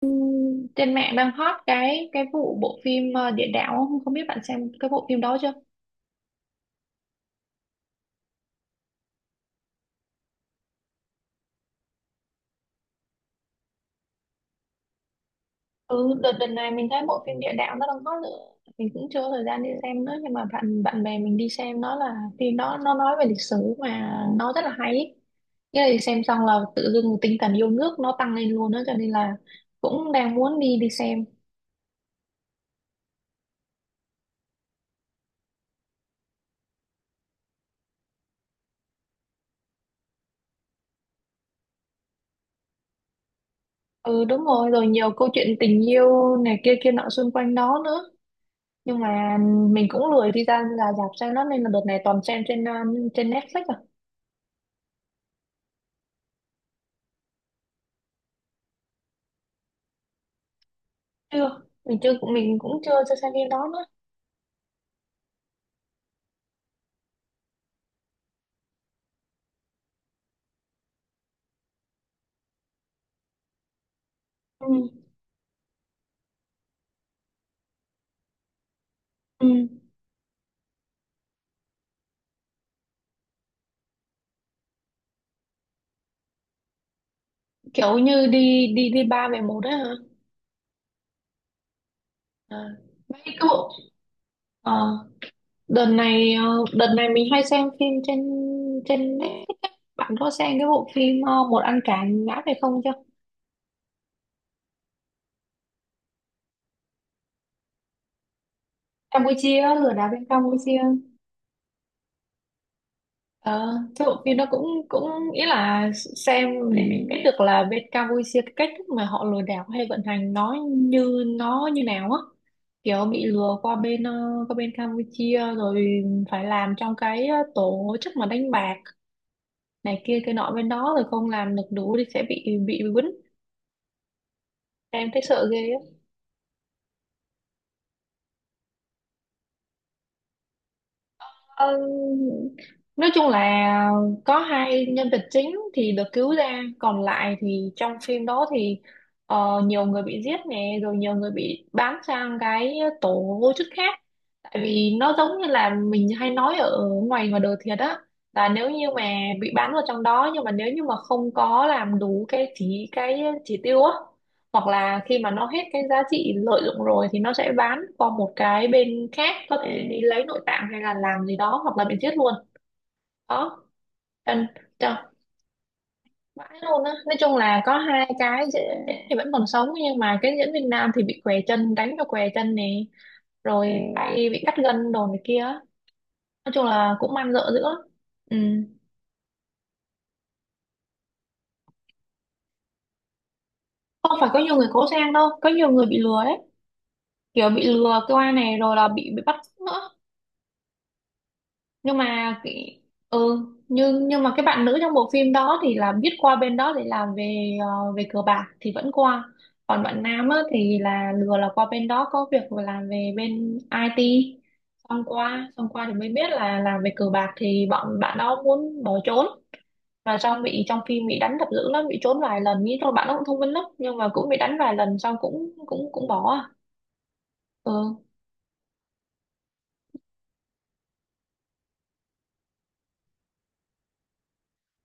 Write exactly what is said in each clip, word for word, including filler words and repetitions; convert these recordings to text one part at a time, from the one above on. Ừm, Trên mạng đang hot cái cái vụ bộ phim ờ, địa đạo, không không biết bạn xem cái bộ phim đó chưa? Ừ, đợt đợt này mình thấy bộ phim địa đạo nó đang hot nữa. Mình cũng chưa có thời gian đi xem nữa, nhưng mà bạn bạn bè mình đi xem, nó là phim, nó nó nói về lịch sử mà nó rất là hay ý. Nghĩa là đi xem xong là tự dưng tinh thần yêu nước nó tăng lên luôn đó, cho nên là cũng đang muốn đi đi xem. Ừ, đúng rồi rồi nhiều câu chuyện tình yêu này kia kia nọ xung quanh đó nữa, nhưng mà mình cũng lười đi ra ra rạp xem nó, nên là đợt này toàn xem trên ờ, trên Netflix à. Chưa, mình chưa mình cũng chưa chưa xem phim đó nữa. Ừ. Ừ. Kiểu như đi đi đi ba về một đấy hả? À. Mấy cái bộ, ờ, đợt này, ờ, đợt này mình hay xem phim trên trên Netflix á. Bạn có xem cái bộ phim ờ, một ăn cả ngã về không chưa? Campuchia, lừa đảo bên Campuchia. Ờ, thế bộ phim đó cũng cũng ý là xem để biết được là bên Campuchia cái cách thức mà họ lừa đảo hay vận hành nó như nó như nào á, kiểu bị lừa qua bên ờ, qua bên Campuchia rồi phải làm trong cái ờ, tổ chức mà đánh bạc này kia cái nọ bên đó, rồi không làm được đủ thì sẽ bị bị quýnh. Em thấy sợ ghê. Ờ, nói chung là có hai nhân vật chính thì được cứu ra, còn lại thì trong phim đó thì ờ, nhiều người bị giết nè, rồi nhiều người bị bán sang cái tổ vô chức khác. Tại vì nó giống như là mình hay nói ở ngoài ngoài đời thiệt á, là nếu như mà bị bán vào trong đó, nhưng mà nếu như mà không có làm đủ cái chỉ cái chỉ tiêu á, hoặc là khi mà nó hết cái giá trị lợi dụng rồi thì nó sẽ bán qua một cái bên khác, có thể đi lấy nội tạng hay là làm gì đó, hoặc là bị giết luôn đó. Trần trời, vãi luôn á, nói chung là có hai cái dễ- thì vẫn còn sống, nhưng mà cái diễn viên nam thì bị què chân, đánh cho què chân nè, rồi tay bị cắt gân đồ này kia, nói chung là cũng man rợ dữ lắm. Ừ. Không phải có nhiều người cố sang đâu, có nhiều người bị lừa đấy, kiểu bị lừa qua này rồi là bị bị bắt nữa. nhưng mà cái- ừ, nhưng nhưng mà cái bạn nữ trong bộ phim đó thì là biết qua bên đó để làm về ờ, về cờ bạc thì vẫn qua. Còn bạn nam á, thì là lừa là qua bên đó có việc làm về bên ai ti, xong qua xong qua thì mới biết là làm về cờ bạc, thì bọn bạn đó muốn bỏ trốn, mà xong bị, trong phim bị đánh đập dữ lắm, bị trốn vài lần, nghĩ thôi bạn nó cũng thông minh lắm, nhưng mà cũng bị đánh vài lần xong cũng cũng cũng bỏ à. Ừ.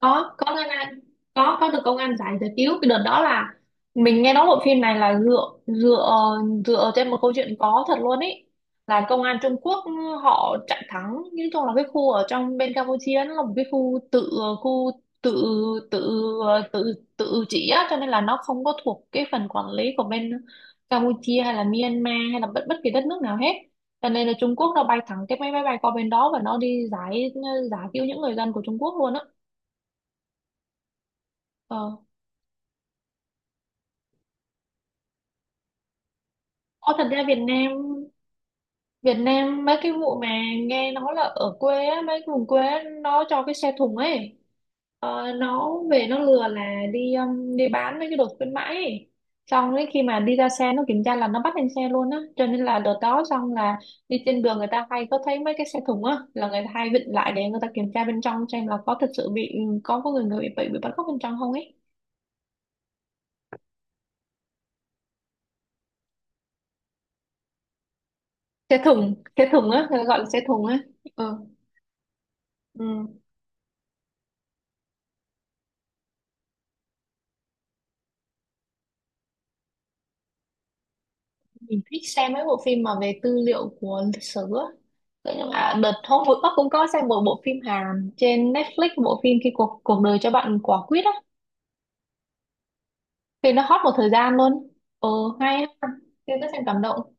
có có Ngân Anh, có có được công an giải giải cứu. Cái đợt đó là mình nghe nói bộ phim này là dựa dựa dựa trên một câu chuyện có thật luôn ấy, là công an Trung Quốc họ chặn thắng. Nói chung là cái khu ở trong bên Campuchia, nó là một cái khu tự, khu tự tự tự tự trị á, cho nên là nó không có thuộc cái phần quản lý của bên Campuchia hay là Myanmar hay là bất bất kỳ đất nước nào hết, cho nên là Trung Quốc nó bay thẳng cái máy bay bay qua bên đó và nó đi giải giải cứu những người dân của Trung Quốc luôn á. Ờ. Ô, thật ra Việt Nam, Việt Nam mấy cái vụ mà nghe nói là ở quê á, mấy cái vùng quê á, nó cho cái xe thùng ấy, ờ, nó về nó lừa là đi um, đi bán mấy cái đồ khuyến mãi ấy. Xong ấy khi mà đi ra xe nó kiểm tra là nó bắt lên xe luôn á, cho nên là đợt đó xong là đi trên đường người ta hay có thấy mấy cái xe thùng á, là người ta hay vịn lại để người ta kiểm tra bên trong, xem là có thật sự bị, có có người người bị bị, bị bắt cóc bên trong không ấy. Xe thùng xe thùng á, người ta gọi là xe thùng á. Ừ. Ừ. Mình thích xem mấy bộ phim mà về tư liệu của lịch sử á. Thế nhưng mà, ờ, đợt hôm vừa cũng có xem một bộ phim Hàn trên Netflix, bộ phim khi cuộc cuộc đời cho bạn quả quýt á, thì nó hot một thời gian luôn. Ờ, hay á, tôi có xem, cảm động.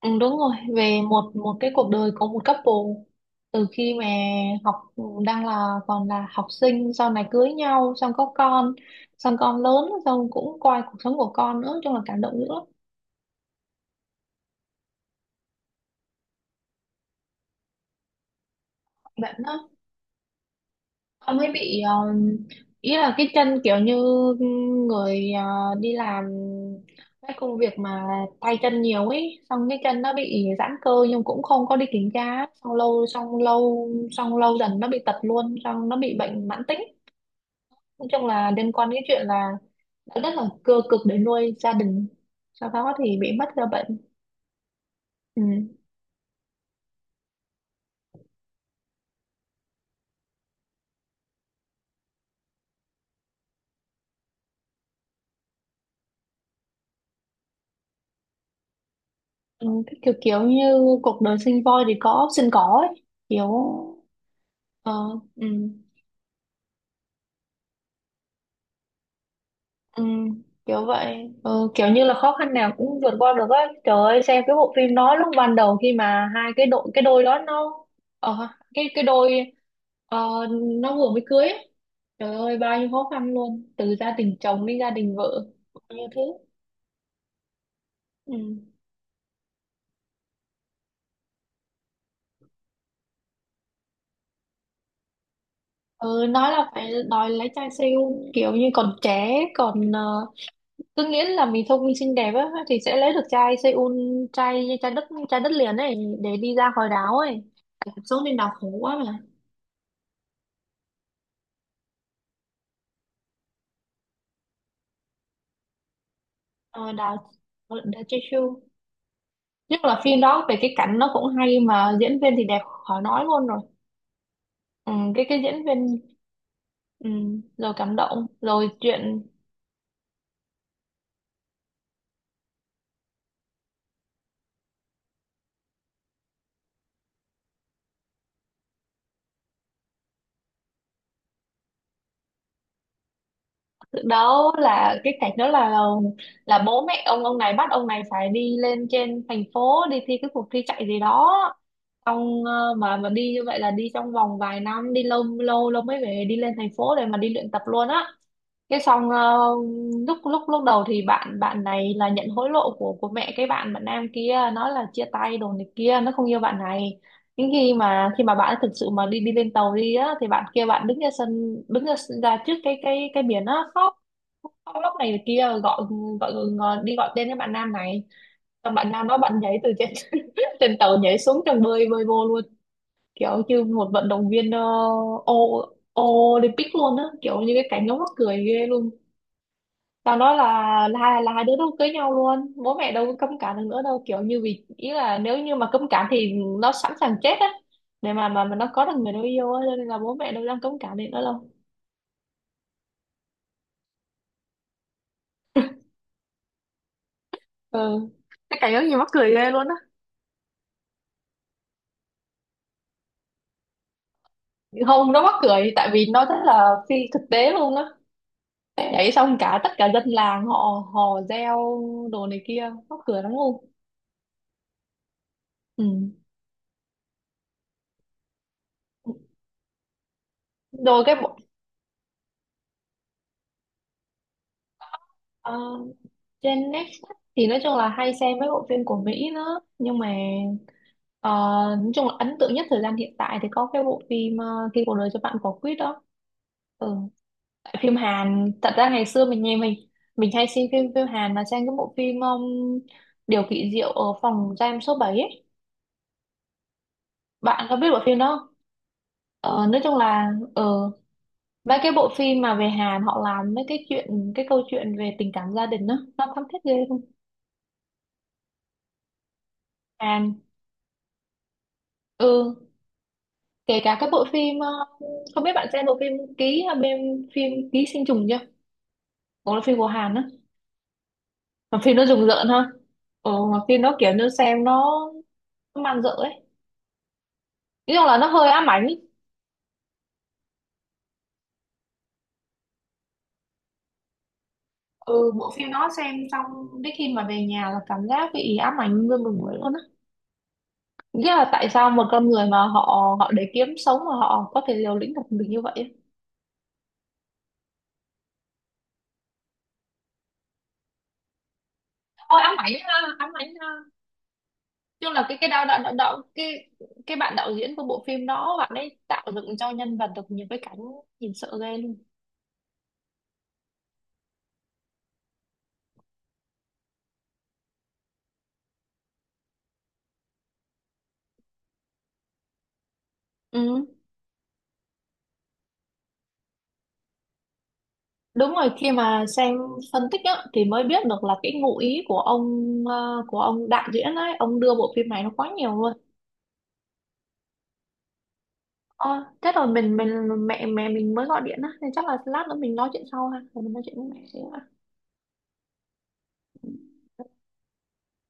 Ừ, đúng rồi, về một một cái cuộc đời của một couple, từ khi mà học, đang là còn là học sinh, sau này cưới nhau xong có con, xong con lớn, xong cũng coi cuộc sống của con nữa, nói chung là cảm động dữ lắm. Bạn nó, ông ấy bị um, ý là cái chân kiểu như, người ờ, đi làm cái công việc mà tay chân nhiều ấy, xong cái chân nó bị giãn cơ nhưng cũng không có đi kiểm tra, xong lâu xong lâu xong lâu dần nó bị tật luôn, xong nó bị bệnh mãn tính. Nói chung là liên quan đến chuyện là đã rất là cơ cực để nuôi gia đình, sau đó thì bị mất ra bệnh. Ừ. Ừ, cái kiểu kiểu như cuộc đời sinh voi thì có sinh cỏ ấy, kiểu, ờ, ừ. Ừ, kiểu vậy, ừ, kiểu như là khó khăn nào cũng vượt qua được á. Trời ơi, xem cái bộ phim đó lúc ban đầu khi mà hai cái đội cái đôi đó nó, ờ, cái cái đôi, ờ, nó vừa mới cưới ấy. Trời ơi, bao nhiêu khó khăn luôn, từ gia đình chồng đến gia đình vợ, bao nhiêu thứ. Ừ. Ừ, nói là phải đòi lấy trai siêu, kiểu như còn trẻ còn, ờ, cứ nghĩ là mình thông minh xinh đẹp á thì sẽ lấy được trai Seoul, trai trai đất trai đất liền ấy, để đi ra khỏi đảo ấy, cuộc sống trên đảo khổ quá mà. Ờ, đảo, đảo Jeju. Nhất là phim đó về cái cảnh nó cũng hay, mà diễn viên thì đẹp khỏi nói luôn rồi. Ừ, cái cái diễn viên. Ừ, rồi cảm động, rồi chuyện. Đâu là cái cảnh đó là là bố mẹ ông ông này bắt ông này phải đi lên trên thành phố đi thi cái cuộc thi chạy gì đó, xong ờ, mà mà đi như vậy là đi trong vòng vài năm, đi lâu lâu lâu mới về, đi lên thành phố để mà đi luyện tập luôn á. Cái xong ờ, lúc lúc lúc đầu thì bạn bạn này là nhận hối lộ của của mẹ cái bạn bạn nam kia, nói là chia tay đồ này kia, nó không yêu bạn này. Nhưng khi mà khi mà bạn ấy thực sự mà đi đi lên tàu đi á, thì bạn kia, bạn đứng ra sân, đứng ra, ra trước cái cái cái biển á khóc, khóc lóc này kia, gọi gọi, gọi đi gọi tên cái bạn nam này, xong bạn nam đó bạn nhảy từ trên trên tàu nhảy xuống trong, bơi bơi vô luôn, kiểu như một vận động viên uh, Olympic luôn á, kiểu như cái cảnh nó mắc cười ghê luôn. Tao nói là, là hai là hai đứa nó cưới nhau luôn, bố mẹ đâu có cấm cản được nữa đâu, kiểu như vì ý là nếu như mà cấm cản thì nó sẵn sàng chết á, để mà mà mà nó có được người nó yêu á, cho nên là bố mẹ đâu đang cấm cản được nữa đâu. Ừ, cái cảnh đó gì mắc cười ghê luôn á. Không, nó mắc cười tại vì nó rất là phi thực tế luôn á, nhảy xong cả tất cả dân làng họ hò reo đồ này kia, mắc cười lắm luôn. Ừ. rồi cái bộ- Ờ, trên Netflix thì nói chung là hay xem mấy bộ phim của Mỹ nữa, nhưng mà ờ, nói chung là ấn tượng nhất thời gian hiện tại thì có cái bộ phim uh, Khi cuộc đời cho bạn quả quýt đó. Ừ. Tại phim Hàn thật ra ngày xưa mình nghe, mình mình hay xem phim, phim Hàn mà xem cái bộ phim um, Điều kỳ diệu ở phòng giam số bảy ấy, bạn có biết bộ phim đó không? Ờ, nói chung là, ờ, mấy cái bộ phim mà về Hàn họ làm mấy cái chuyện, cái câu chuyện về tình cảm gia đình đó, nó thấm thiết ghê không. Hàn. Ừ, kể cả các bộ phim, ờ, không biết bạn xem bộ phim ký, hay bên phim ký sinh trùng chưa, cũng là phim của Hàn á, mà phim nó rùng rợn ha. Ừ, mà phim nó kiểu như xem nó, nó man rợ ấy, nói chung là nó hơi ám ảnh ấy. Ừ, bộ phim nó xem xong đến khi mà về nhà là cảm giác bị ám ảnh nguyên một buổi luôn á. Nghĩa là tại sao một con người mà họ họ để kiếm sống mà họ có thể liều lĩnh được mình như vậy ấy. Ôi ám ảnh ha, ám ảnh ha. Chung là cái cái đạo đạo đạo, đạo cái cái bạn đạo diễn của bộ phim đó, bạn ấy tạo dựng cho nhân vật được nhiều cái cảnh nhìn sợ ghê luôn. Ừ. Đúng rồi, khi mà xem phân tích á, thì mới biết được là cái ngụ ý của ông, ờ, của ông đạo diễn ấy, ông đưa bộ phim này nó quá nhiều luôn. Ờ, thế rồi mình mình, mẹ mẹ mình mới gọi điện á, nên chắc là lát nữa mình nói chuyện sau ha, rồi mình nói chuyện với mẹ xíu ha.